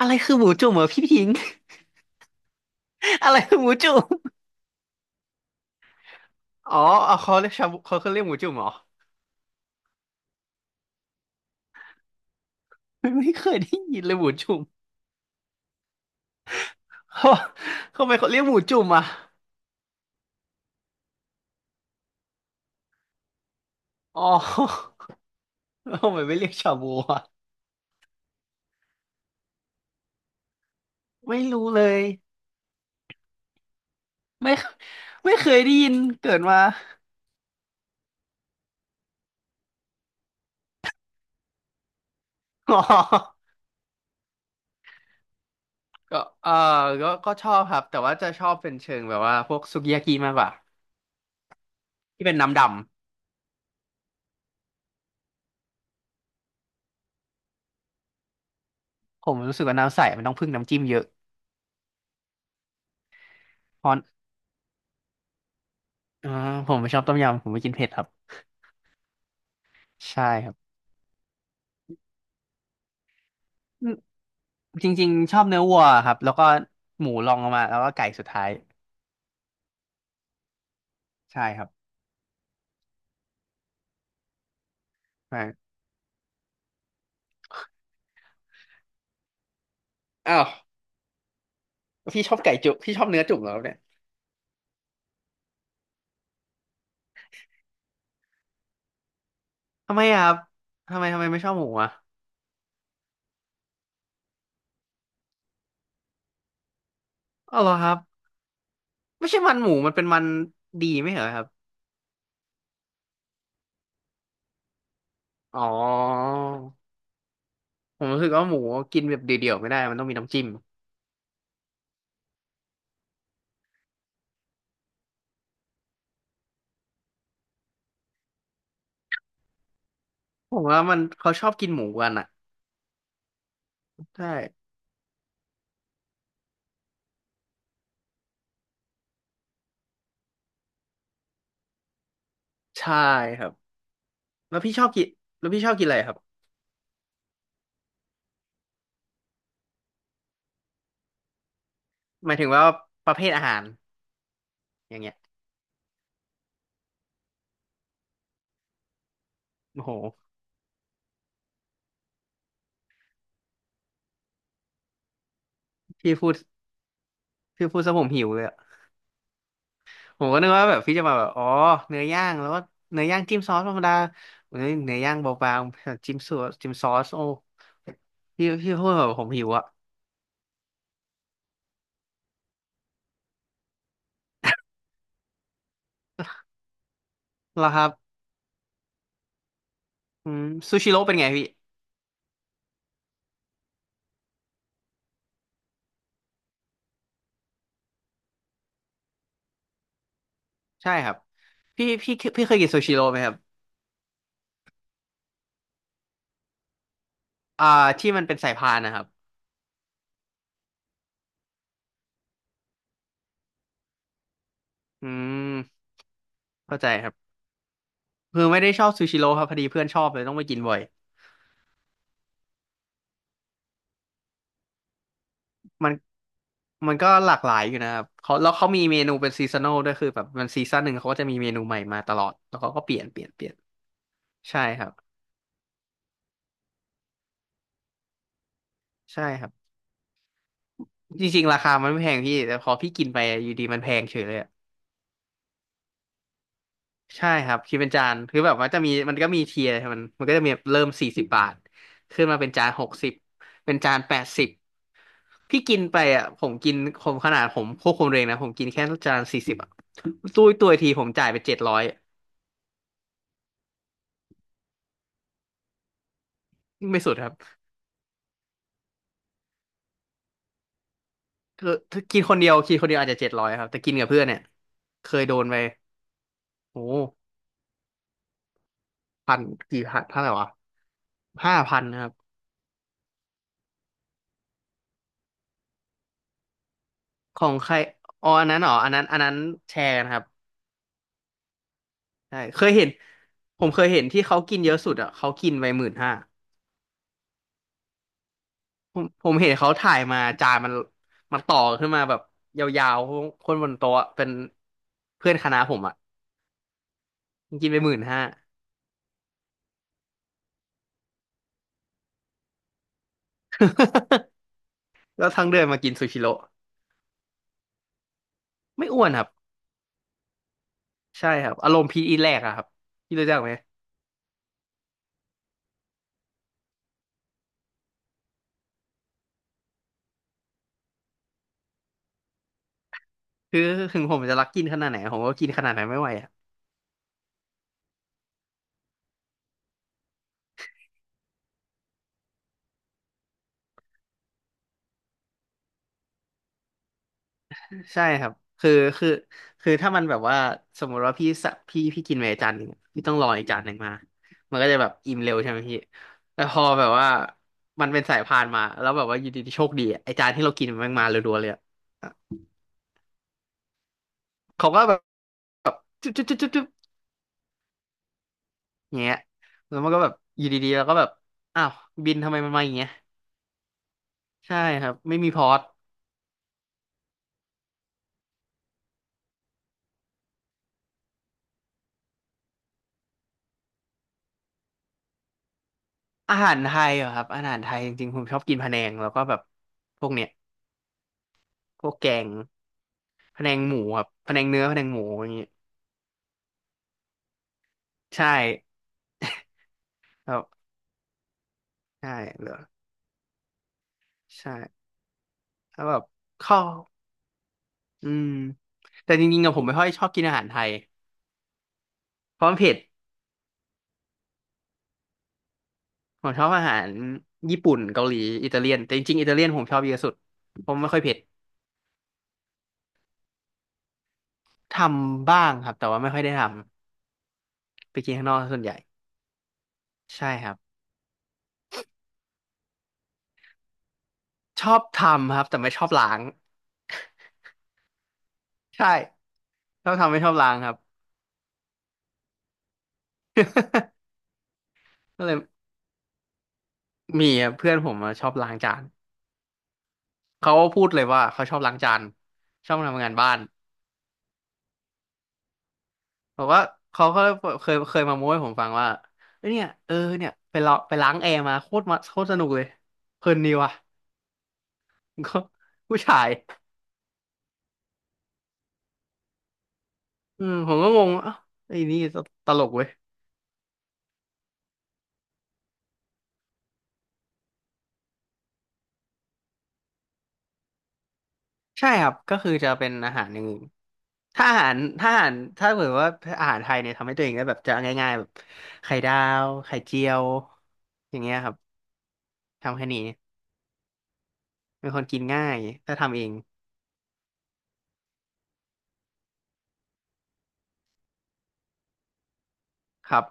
อะไรคือหมูจุ่มเหรอพี่พิงค์ อะไรคือหมูจุ่มอ๋อเอาเขาเรียกชาบูเขาเรียกหมูจุ่มเหรอไม่เคยได้ยินเลยหมูจุ่ม เขาทำไมเขาเรียกหมูจุ่มอ่ะอ๋อ แล้วทำไมไม่เรียกชาบูอ่ะไม่รู้เลยไม่ไม่เคยได้ยินเกิดมา อ๋อก็เออก็ชอบครับแต่ว่าจะชอบเป็นเชิงแบบว่าพวกสุกิยากิมากกว่าที่เป็นน้ำดำผมรู้สึกว่าน้ำใสมันต้องพึ่งน้ำจิ้มเยอะเพราะอ่าผมไม่ชอบต้มยำผมไม่กินเผ็ดครับใช่ครับ จริงๆชอบเนื้อวัวครับแล้วก็หมูรองลงมาแล้วก็ไก่สุดท้ายใช่ครับใช่อ้าวพี่ชอบไก่จุพี่ชอบเนื้อจุ่มเหรอครับเนี่ยทำไมอะครับทำไมไม่ชอบหมูอ่ะอ๋อเหรอครับไม่ใช่มันหมูมันเป็นมันดีไม่เหรอครับอ๋อผมรู้สึกว่าหมูกินแบบเดี่ยวๆไม่ได้มันต้องมีน้ำจิ้มผมว่ามันเขาชอบกินหมูกันอ่ะใช่ใช่ครับแล้วพี่ชอบกินแล้วพี่ชอบกินอะไรครับหมายถึงว่าประเภทอาหารอย่างเงี้ยโอ้โหพี่พูดพี่พูดซะผมหิวเลยอะ ผมก็นึกว่าแบบพี่จะมาแบบอ๋อเนื้อย่างแล้วก็เนื้อย่างจิ้มซอสธรรมดาเนื้อย่างเบาๆจิ้มซอสโอ้พี่พูดแบบผมหิวอะแล้วครับอืมซูชิโร่เป็นไงพี่ใช่ครับพี่เคยกินซูชิโร่ไหมครับอ่าที่มันเป็นสายพานนะครับอืมเข้าใจครับคือไม่ได้ชอบซูชิโร่ครับพอดีเพื่อนชอบเลยต้องไปกินบ่อยมันมันก็หลากหลายอยู่นะครับเขาแล้วเขามีเมนูเป็นซีซัน a ลด้วยคือแบบมันซีซั่นหนึ่งเขาก็จะมีเมนูใหม่มาตลอดแล้วเขาก็เปลี่ยนเปลี่ยนเปลี่ยนใช่ครับ ใช่ครับจริงๆราคามันไม่แพงพี่แต่พอพี่กินไปอยู่ดีมันแพงเฉยเลยอะใช่ครับคิดเป็นจานคือแบบว่าจะมีมันก็มีเทียร์มันก็จะมีเริ่ม40 บาทขึ้นมาเป็นจาน60เป็นจาน80พี่กินไปอ่ะผมกินผมขนาดผมควบคุมเองนะผมกินแค่จานสี่สิบอ่ะตู้ยตัวทีผมจ่ายไปเจ็ดร้อยไม่สุดครับคือถ้ากินคนเดียวกินคนเดียวอาจจะเจ็ดร้อยครับแต่กินกับเพื่อนเนี่ยเคยโดนไปโอ้พันกี่พันเท่าไหร่วะ5,000 ของใครอ๋ออันนั้นเหรออันนั้นแชร์กันครับใช่เคยเห็นผมเคยเห็นที่เขากินเยอะสุดอ่ะเขากินไปหมื่นห้าผมเห็นเขาถ่ายมาจานมันต่อขึ้นมาแบบยาวๆคนบนโต๊ะอะเป็นเพื่อนคณะผมอ่ะมันกินไปหมื่นห้า แล้วทั้งเดือนมากินซูชิโร่ไม่อ้วนครับใช่ครับอารมณ์พีทอีทแรกอะครับพี่รู้จักไหมคือถึงผมจะรักกินขนาดไหนผมก็กินขนาดนั้นไม่ไหว ใช่ครับคือคือคือถ้ามันแบบว่าสมมติว่าพี่สะพี่กินไปจานหนึ่งพี่ต้องรออีกจานหนึ่งมามันก็จะแบบอิ่มเร็วใช่ไหมพี่แต่พอแบบว่ามันเป็นสายพานมาแล้วแบบว่าอยู่ดีๆโชคดีอะไอจานที่เรากินมันมาเรัวๆเลยอะเขาก็แบบจุ๊บจุ๊บจุ๊บจุ๊บจุ๊บอย่างเงี้ยแล้วมันก็แบบอยู่ดีๆแล้วก็แบบอ้าวบินทำไมมันมาอย่างเงี้ยใช่ครับไม่มีพอร์ตอาหารไทยเหรอครับอาหารไทยจริงๆผมชอบกินพะแนงแล้วก็แบบพวกเนี้ยพวกแกงพะแนงหมูครับพะแนงเนื้อพะแนงหมูอย่างเงี้ย ใช่แบบใช่เหรอใช่แล้วแบบข้าวอืมแต่จริงๆอะผมไม่ค่อยชอบกินอาหารไทยเพราะมันเผ็ดผมชอบอาหารญี่ปุ่นเกาหลีอิตาเลียนแต่จริงๆอิตาเลียนผมชอบเยอะสุดผมไม่ค่อยเผ็ดทำบ้างครับแต่ว่าไม่ค่อยได้ทำไปกินข้างนอกส่วนใหญ่ใช่ครับชอบทำครับแต่ไม่ชอบล้าง ใช่ชอบทำไม่ชอบล้างครับ ก็เลยมีเพื่อนผมอะชอบล้างจานเขาพูดเลยว่าเขาชอบล้างจานชอบทำงานบ้าน บอกว่าเขาก็เคยมาโม้ให้ผมฟังว่าเอ้ยเนี่ยเออเนี่ยไปลองไปล้างแอร์มาโคตรมาโคตรสนุกเลยเพลินดีว่ะ ก็ผู้ชายผมก็งงว่าเอ้าไอ้นี่ตลกเว้ยใช่ครับก็คือจะเป็นอาหารอย่างอื่นถ้าเกิดว่าอาหารไทยเนี่ยทำให้ตัวเองได้แบบจะง่ายๆแบบไข่ดาวไข่เจียวอย่างเงี้ยครับทำแค่นี้เป็นคนกินง่ายถ้าทำเองครับ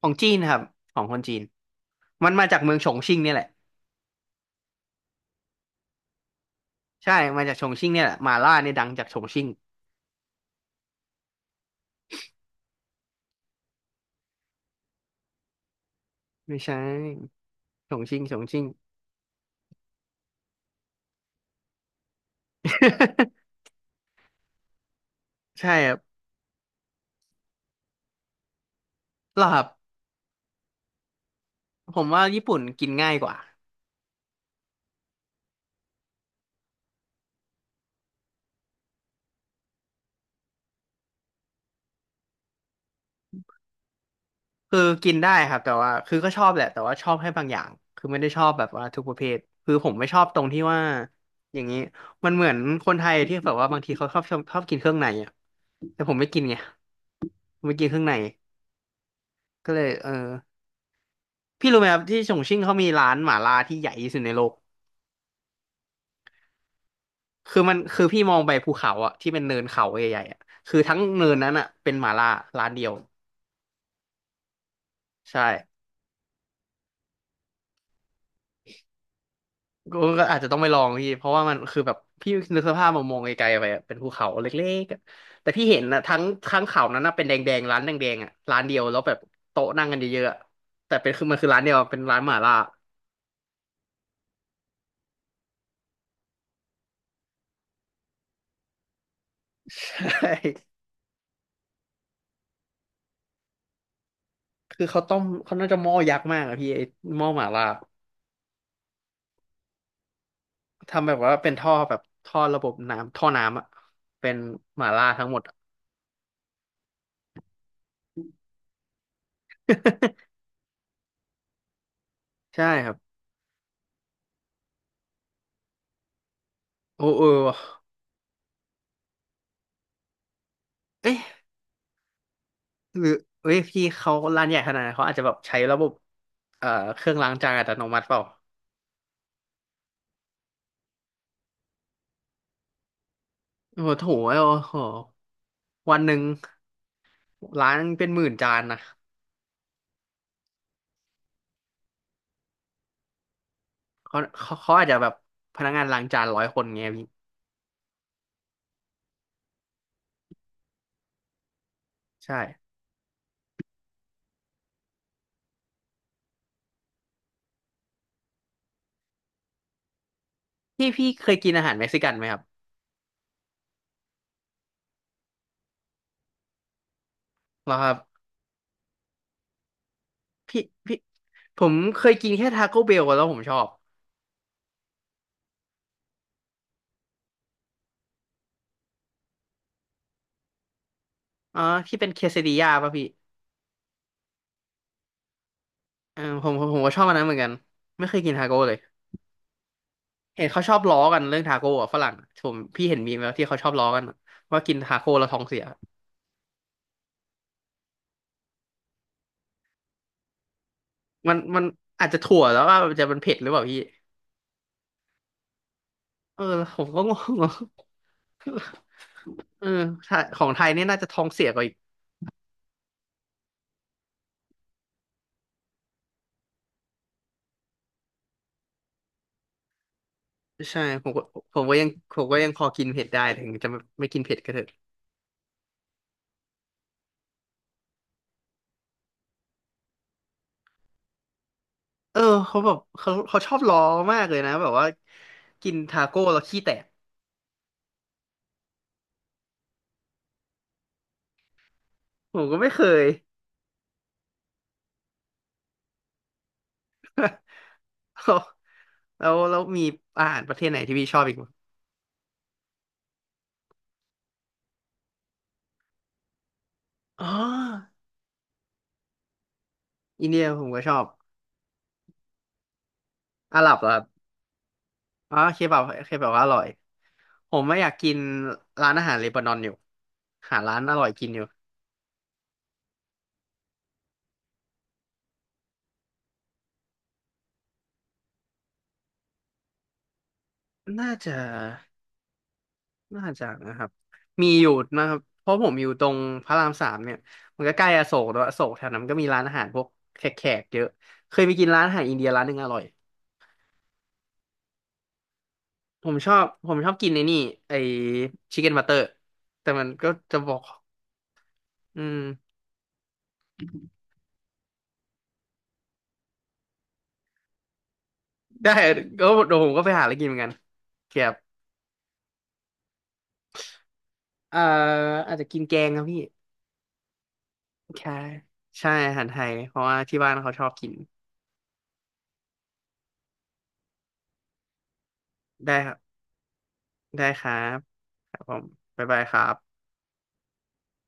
ของจีนครับของคนจีนมันมาจากเมืองฉงชิ่งเนี่ยแหละ ใช่มาจากชงชิ่งเนี่ยแหละหมาล่าเนี่ยดังจากชงชิ่งไม่ใช่ชงชิ่งชงชิ่ง ใช่ครับหรอครับผมว่าญี่ปุ่นกินง่ายกว่าคือกินได้ครับแต่ว่าคือก็ชอบแหละแต่ว่าชอบให้บางอย่างคือไม่ได้ชอบแบบว่าทุกประเภทคือผมไม่ชอบตรงที่ว่าอย่างนี้มันเหมือนคนไทยที่แบบว่าบางทีเขาชอบกินเครื่องในอ่ะแต่ผมไม่กินไงผมไม่กินเครื่องในก็เลยเออพี่รู้ไหมครับที่ฉงชิ่งเขามีร้านหม่าล่าที่ใหญ่ที่สุดในโลก คือพี่มองไปภูเขาอะที่เป็นเนินเขาใหญ่ๆอะคือทั้งเนินนั้นอะเป็นหม่าล่าร้านเดียวใช่ก็อาจจะต้องไปลองพี่เพราะว่ามันคือแบบพี่นึกสภาพมามองไกลๆไปอะเป็นภูเขาเล็กๆอะแต่พี่เห็นนะทั้งเขานั้นนะเป็นแดงๆร้านแดงๆอะร้านเดียวแล้วแบบโต๊ะนั่งกันเยอะๆอะแต่เป็นคือมันคือร้านเดียวอะเป็นร้านหม่าล่าใช่คือเขาต้มเขาน่าจะหม้อยักษ์มากอะพี่ไอ้หม้อหม่าล่าทำแบบว่าเป็นท่อแบบท่อระบบน้ำท่อน้ำอะเป็นหม่าล่าทั้งหมดอะ ใช่ครับโอ้เออว่ะเอ๊ะหรือเอ้ยพี่เขาร้านใหญ่ขนาดนั้นเขาอาจจะแบบใช้ระบบเอ่อเครื่องล้างจานอัตโนมัติเปล่าโอ้โหโถโอ้โหวันหนึ่งล้างเป็นหมื่นจานนะเขาอาจจะแบบพนักงานล้างจานร้อยคนเงี้ยพี่ใช่พี่เคยกินอาหารเม็กซิกันไหมครับเหรอครับพี่พี่ผมเคยกินแค่ทาโก้เบลแล้วผมชอบอ๋อที่เป็นเคซดิยาป่ะพี่เออผมก็ชอบอันนั้นเหมือนกันไม่เคยกินทาโก้เลย เห็นเขาชอบล้อกันเรื่องทาโก้อะฝรั่งผมพี่เห็นมีมแล้วที่เขาชอบล้อกันอะว่ากินทาโก้แล้วท้องเสียมันอาจจะถั่วแล้วว่าจะมันเผ็ดหรือเปล่าพี่เออผมก็งงอะ เออไทยของไทยเนี่ยน่าจะท้องเสียกว่าอีกใช่ผมก็ผมก็ยังพอกินเผ็ดได้ถึงจะไม่ไม่กินเผ็ดก็เถอะเออเขาแบบเขาชอบล้อมากเลยนะแบบว่ากินทาโก้แล้วขี้แตกผมก็ไม่เคย แล้วมีอาหารประเทศไหนที่พี่ชอบอีกมั้ยอ๋ออินเดียผมก็ชอบอาหรับเหรอครับ อ๋อเคบับเคบับว่าอร่อยผมไม่อยากกินร้านอาหารเลบานอนอยู่หาร้านอร่อยกินอยู่น่าจะน่าจะนะครับมีอยู่นะครับเพราะผมอยู่ตรงพระรามสามเนี่ยมันก็ใกล้อโศกแล้วยอโศกแถวนั้นก็มีร้านอาหารพวกแขกๆเยอะเคยไปกินร้านอาหารอินเดียร้านหนึ่งอร่อยผมชอบกินไอ้นี่ไอ้ชิคเก้นบัตเตอร์แต่มันก็จะบอกอืมได้ก็เดี๋ยวผมก็ไปหาอะไรกินเหมือนกันเกียบเอ่ออาจจะกินแกงครับพี่ ใช่ใช่อาหารไทย เพราะว่าที่บ้านเขาชอบกิน ได้ครับได้ครับครับผมบ๊ายบายครับ